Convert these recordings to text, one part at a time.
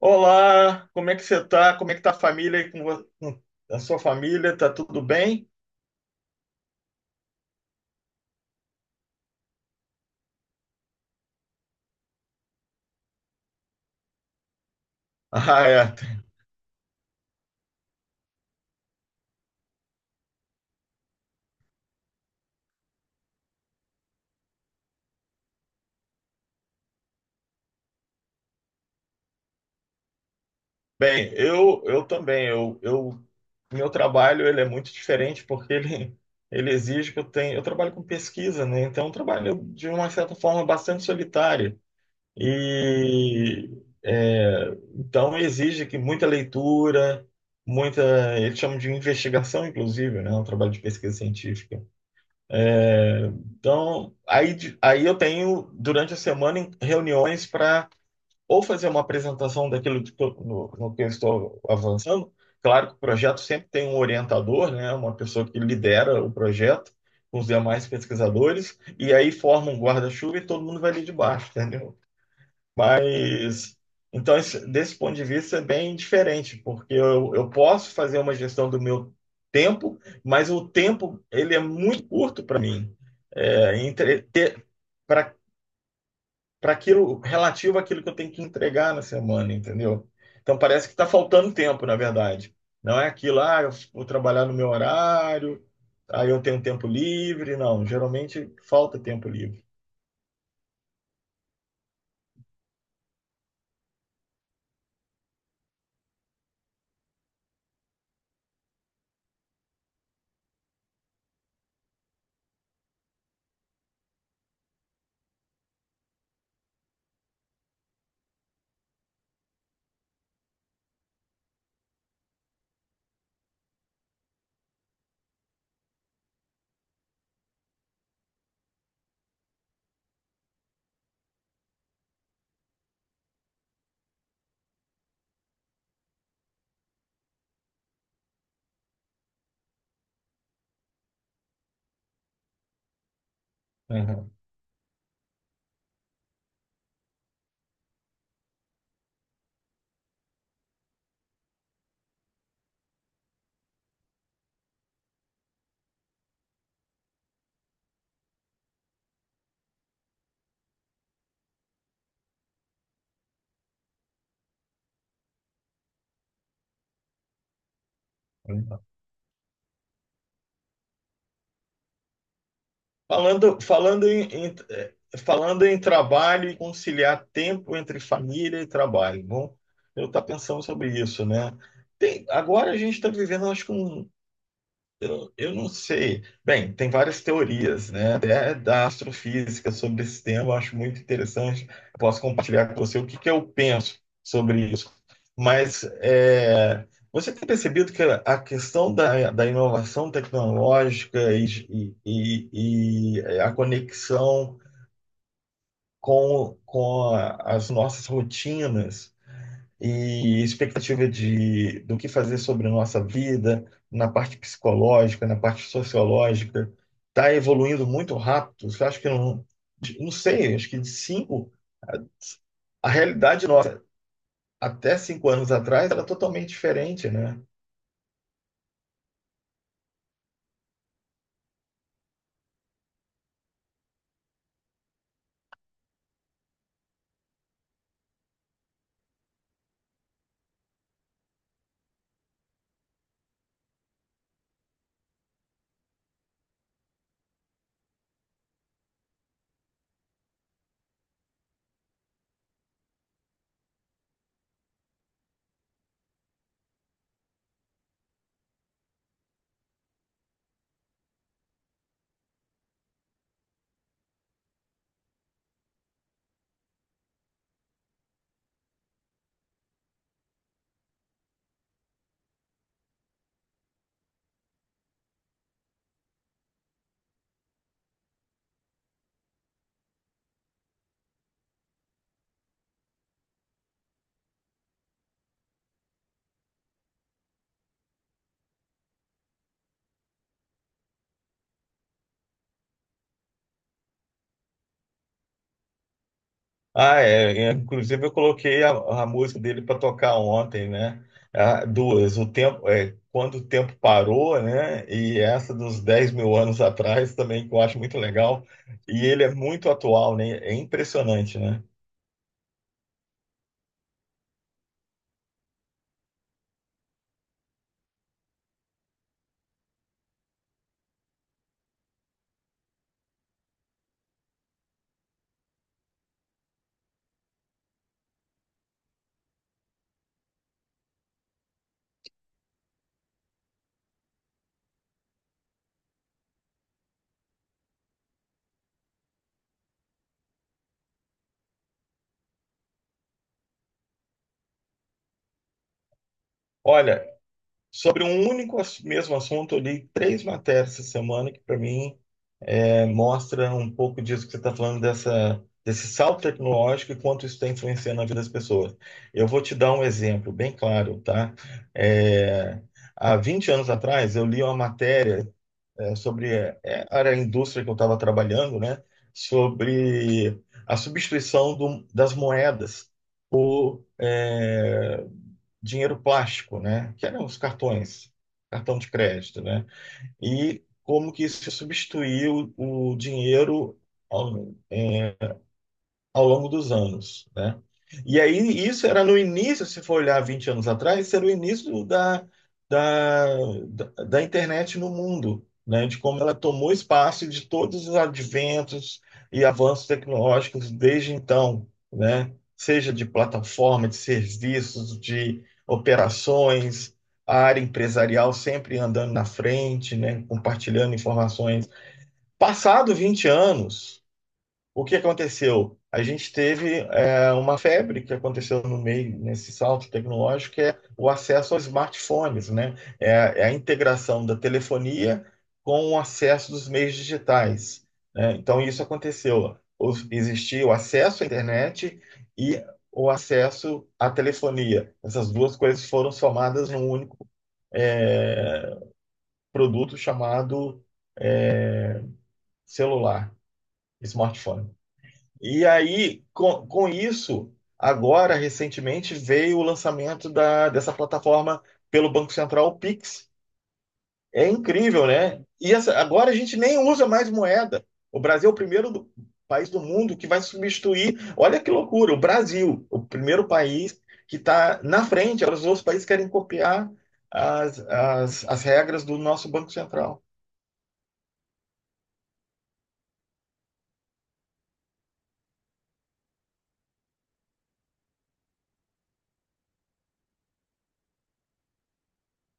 Olá, como é que você tá? Como é que tá a família aí com a sua família? Tá tudo bem? Ah, é. Bem, eu também, eu meu trabalho ele é muito diferente porque ele exige que eu tenha, eu trabalho com pesquisa, né? Então, é um trabalho de uma certa forma bastante solitário e é, então exige que muita leitura, muita, eles chamam de investigação inclusive, né? É Um trabalho de pesquisa científica. Então, aí eu tenho, durante a semana, reuniões para ou fazer uma apresentação daquilo de que eu- no, no que eu estou avançando. Claro que o projeto sempre tem um orientador, né? Uma pessoa que lidera o projeto com os demais pesquisadores, e aí forma um guarda-chuva e todo mundo vai ali de baixo, entendeu? Isso. Então, desse ponto de vista, é bem diferente, porque eu posso fazer uma gestão do meu tempo, mas o tempo ele é muito curto para mim. É, entre, ter, para para aquilo relativo àquilo que eu tenho que entregar na semana, entendeu? Então parece que está faltando tempo, na verdade. Não é aquilo, ah, eu vou trabalhar no meu horário, aí eu tenho tempo livre. Não, geralmente falta tempo livre. Uhum. Falando, falando em trabalho e conciliar tempo entre família e trabalho. Bom, eu estou pensando sobre isso, né? Agora a gente está vivendo, acho que eu não sei. Bem, tem várias teorias, né? Até da astrofísica sobre esse tema, eu acho muito interessante. Posso compartilhar com você o que que eu penso sobre isso. Mas você tem percebido que a questão da inovação tecnológica e a conexão com as nossas rotinas e expectativa do que fazer sobre a nossa vida, na parte psicológica, na parte sociológica, está evoluindo muito rápido. Eu acho que não, não sei, acho que de cinco, a, a realidade nossa até cinco anos atrás era totalmente diferente, né? Ah, é, é, inclusive eu coloquei a música dele para tocar ontem, né? Ah, duas. O tempo, é, quando o tempo parou, né? E essa dos 10 mil anos atrás também, que eu acho muito legal. E ele é muito atual, né? É impressionante, né? Olha, sobre um mesmo assunto, eu li três matérias essa semana que, para mim, É, mostra um pouco disso que você está falando, desse salto tecnológico e quanto isso está influenciando a vida das pessoas. Eu vou te dar um exemplo bem claro, tá? É, Há 20 anos atrás, eu li uma matéria é, sobre, é, era a indústria que eu estava trabalhando, né? Sobre a substituição das moedas, é, dinheiro plástico, né? Que eram os cartões, cartão de crédito, né? E como que isso substituiu o dinheiro, ó, é, ao longo dos anos, né? E aí isso era no início, se for olhar 20 anos atrás, isso era o início da, da internet no mundo, né? De como ela tomou espaço e de todos os adventos e avanços tecnológicos desde então, né? Seja de plataforma, de serviços, de operações, a área empresarial sempre andando na frente, né? Compartilhando informações. Passado 20 anos o que aconteceu? A gente teve uma febre que aconteceu no meio, nesse salto tecnológico, que é o acesso aos smartphones, né? É a integração da telefonia com o acesso dos meios digitais, né? Então, isso aconteceu. Existia o acesso à internet e o acesso à telefonia. Essas duas coisas foram somadas num é, produto chamado celular, smartphone. E aí, com isso, agora, recentemente, veio o lançamento dessa plataforma pelo Banco Central, o Pix. É incrível, né? E agora a gente nem usa mais moeda. O Brasil é o país do mundo que vai substituir. Olha que loucura, o Brasil, o primeiro país que está na frente. Agora os outros países querem copiar as regras do nosso Banco Central.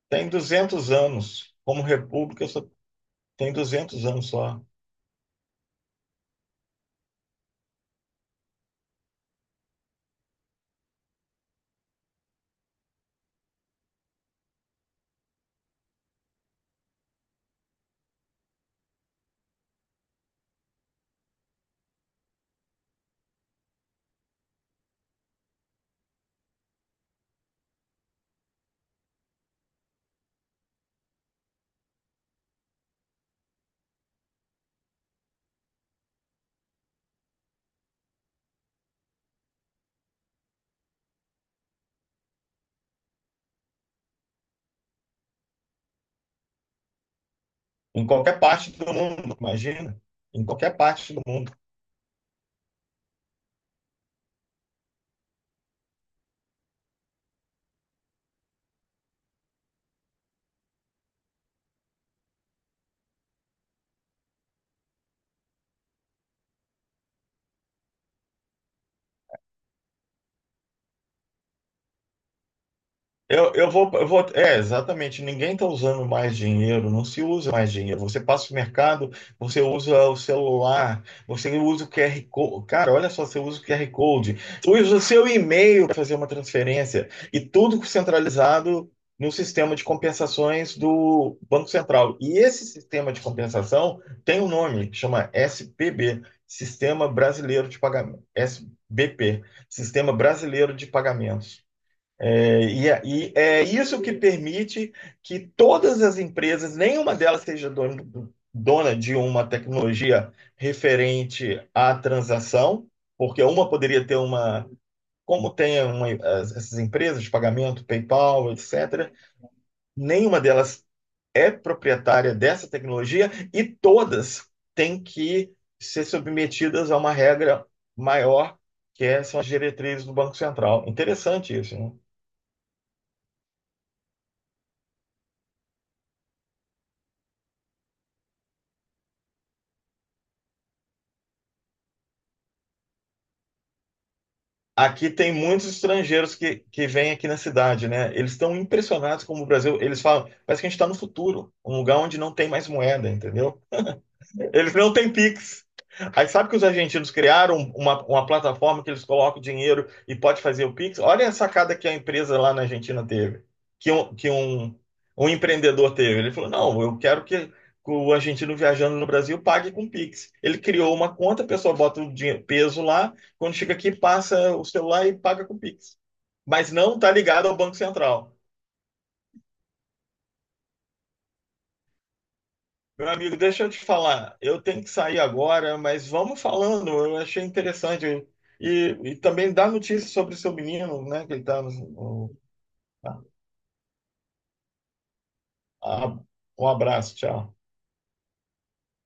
Tem 200 anos, como república, só tem 200 anos só. Em qualquer parte do mundo, imagina. Em qualquer parte do mundo. Exatamente. Ninguém está usando mais dinheiro, não se usa mais dinheiro. Você passa o mercado, você usa o celular, você usa o QR Code. Cara, olha só, você usa o QR Code, você usa o seu e-mail para fazer uma transferência. E tudo centralizado no sistema de compensações do Banco Central. E esse sistema de compensação tem um nome, chama SPB, Sistema Brasileiro de Pagamento. SBP, Sistema Brasileiro de Pagamentos. É isso que permite que todas as empresas, nenhuma delas seja dona, dona de uma tecnologia referente à transação, porque uma poderia ter uma, como tem uma- as- essas empresas de pagamento, PayPal, etc., nenhuma delas é proprietária dessa tecnologia e todas têm que ser submetidas a uma regra maior, são as diretrizes do Banco Central. Interessante isso, né? Aqui tem muitos estrangeiros que vêm aqui na cidade, né? Eles estão impressionados como o Brasil. Eles falam, parece que a gente está no futuro, um lugar onde não tem mais moeda, entendeu? Eles não têm Pix. Aí sabe que os argentinos criaram uma plataforma que eles colocam dinheiro e pode fazer o Pix? Olha a sacada que a empresa lá na Argentina teve, que um empreendedor teve. Ele falou: não, eu quero que o argentino viajando no Brasil pague com Pix. Ele criou uma conta, a pessoa bota peso lá, quando chega aqui, passa o celular e paga com Pix. Mas não está ligado ao Banco Central. Meu amigo, deixa eu te falar. Eu tenho que sair agora, mas vamos falando. Eu achei interessante. E também dá notícias sobre o seu menino, né? Que ele tá. Ah, um abraço, tchau.